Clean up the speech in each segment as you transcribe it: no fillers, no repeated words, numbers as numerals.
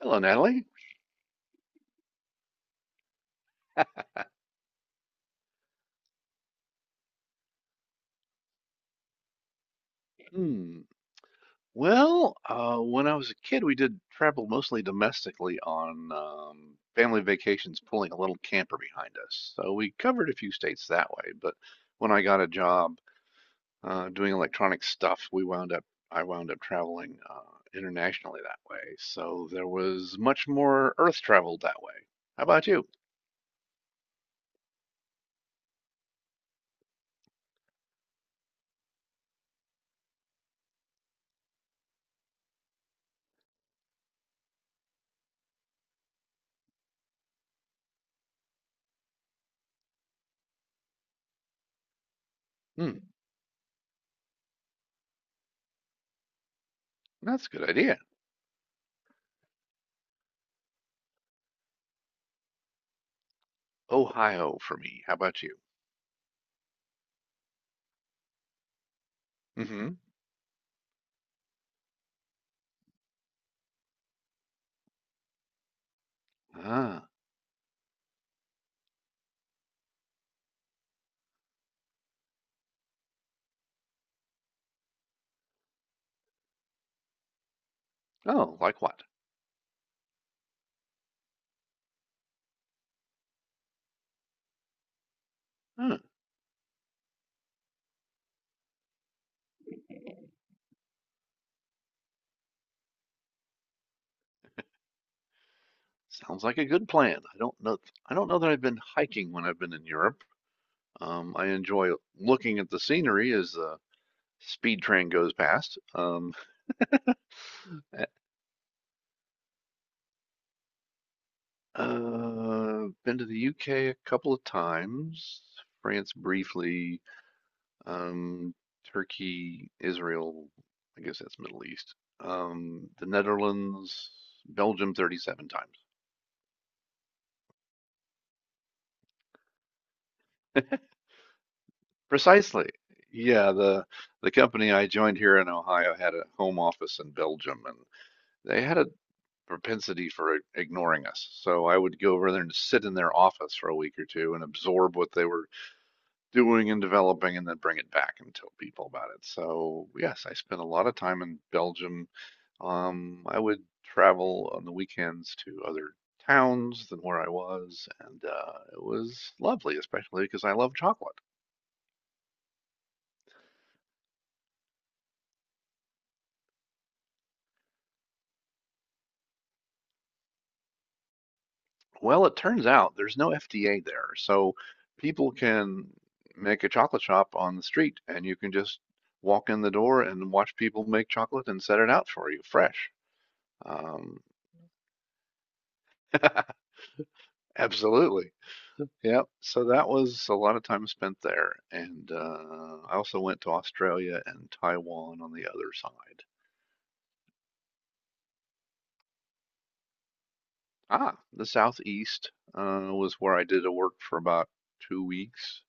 Hello, Natalie. Uh, Hmm. When I was a kid, we did travel mostly domestically on family vacations, pulling a little camper behind us. So we covered a few states that way. But when I got a job doing electronic stuff, we wound up I wound up traveling internationally that way. So there was much more earth traveled that way. How about you? Hmm. That's a good idea. Ohio for me. How about you? Mm-hmm. Ah. Oh, like what? Huh. Sounds like a good plan. I don't know. I don't know that I've been hiking when I've been in Europe. I enjoy looking at the scenery as the speed train goes past. Uh, been to the UK a couple of times, France briefly, um, Turkey, Israel. I guess that's Middle East. The Netherlands, Belgium, 37 times. Precisely. Yeah, the company I joined here in Ohio had a home office in Belgium, and they had a propensity for ignoring us. So I would go over there and sit in their office for a week or two and absorb what they were doing and developing, and then bring it back and tell people about it. So yes, I spent a lot of time in Belgium. I would travel on the weekends to other towns than where I was, and it was lovely, especially because I love chocolate. Well, it turns out there's no FDA there, so people can make a chocolate shop on the street, and you can just walk in the door and watch people make chocolate and set it out for you fresh. Um, absolutely. Yep. So that was a lot of time spent there, and I also went to Australia and Taiwan on the other side. Ah, the Southeast was where I did a work for about 2 weeks.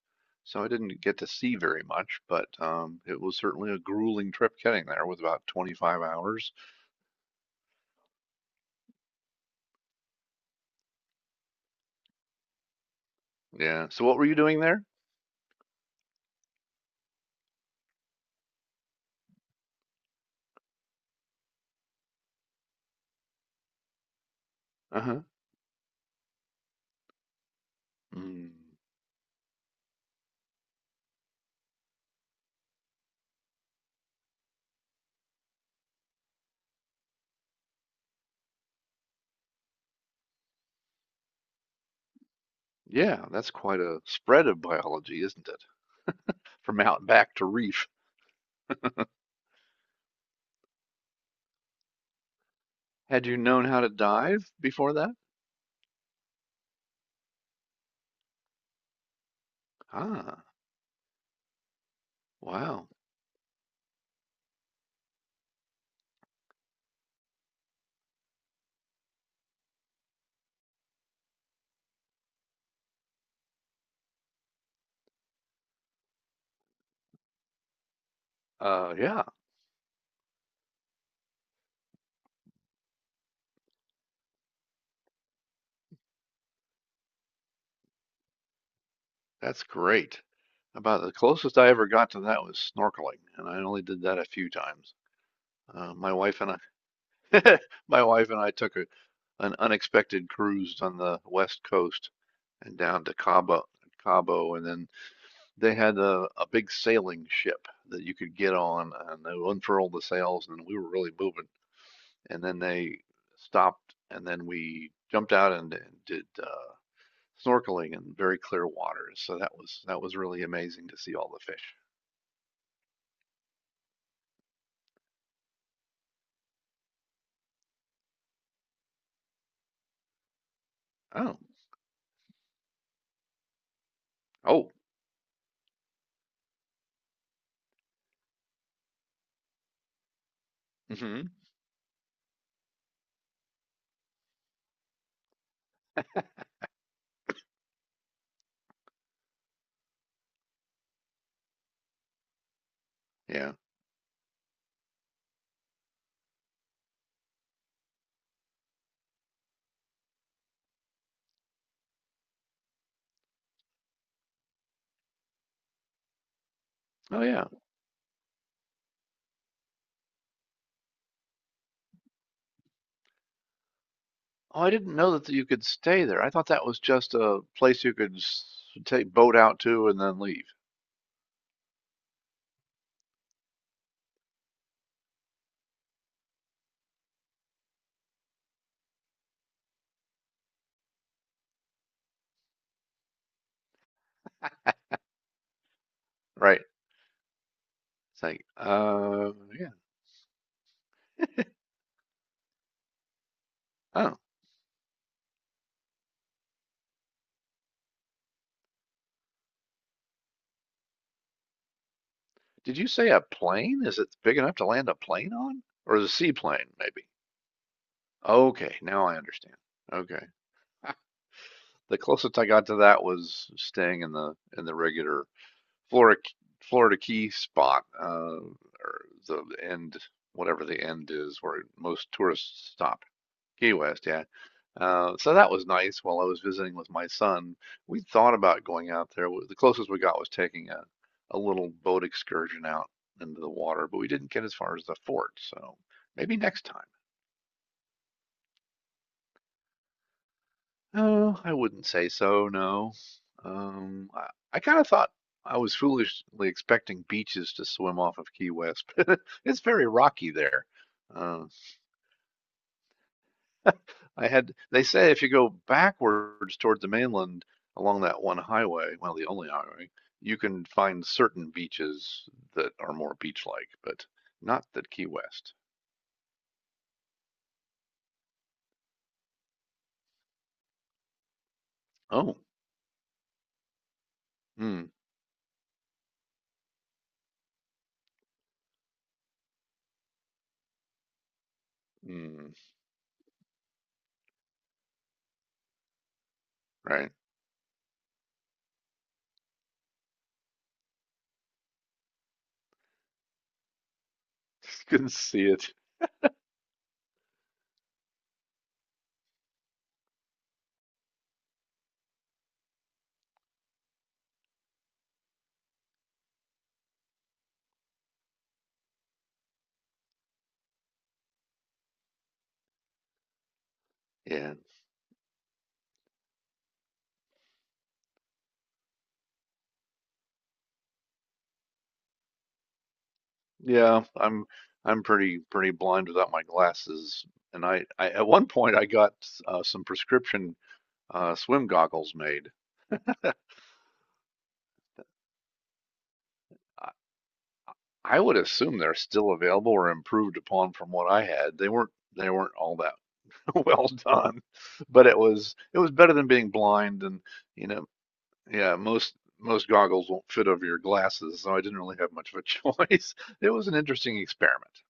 So I didn't get to see very much, but it was certainly a grueling trip getting there with about 25 hours. Yeah. So what were you doing there? Uh-huh. Mm. Yeah, that's quite a spread of biology, isn't it? From out back to reef. Had you known how to dive before that? Ah, wow. Yeah, that's great. About the closest I ever got to that was snorkeling, and I only did that a few times. My wife and I, my wife and I took an unexpected cruise on the west coast and down to Cabo, and then they had a big sailing ship that you could get on, and they unfurled the sails, and we were really moving. And then they stopped, and then we jumped out and did snorkeling in very clear waters. So that was really amazing to see all the fish. Oh, oh, hmm yeah, oh yeah. Oh, I didn't know that you could stay there. I thought that was just a place you could take boat out to and then leave. Right. It's like, yeah. Oh, did you say a plane? Is it big enough to land a plane on? Or is it a seaplane, maybe? Okay, now I understand. Okay. The closest I got to that was staying in the regular Florida Florida Key spot, or the end, whatever the end is, where most tourists stop. Key West, yeah. So that was nice while I was visiting with my son. We thought about going out there. The closest we got was taking a little boat excursion out into the water, but we didn't get as far as the fort, so maybe next time. Oh, I wouldn't say so, no. Um, I, I kind of thought I was foolishly expecting beaches to swim off of Key West, but it's very rocky there. Uh, they say if you go backwards toward the mainland along that one highway, well, the only highway, you can find certain beaches that are more beach-like, but not the Key West. Oh, mm, mm, right. Couldn't see it. Yeah, yeah. I'm pretty blind without my glasses. And I at one point I got some prescription swim goggles made. I would assume they're still available or improved upon from what I had. They weren't all that well done, but it was better than being blind and you know yeah most goggles won't fit over your glasses, so I didn't really have much of a choice. It was an interesting experiment.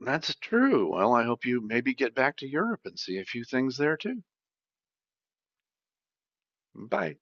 That's true. Well, I hope you maybe get back to Europe and see a few things there too. Bye.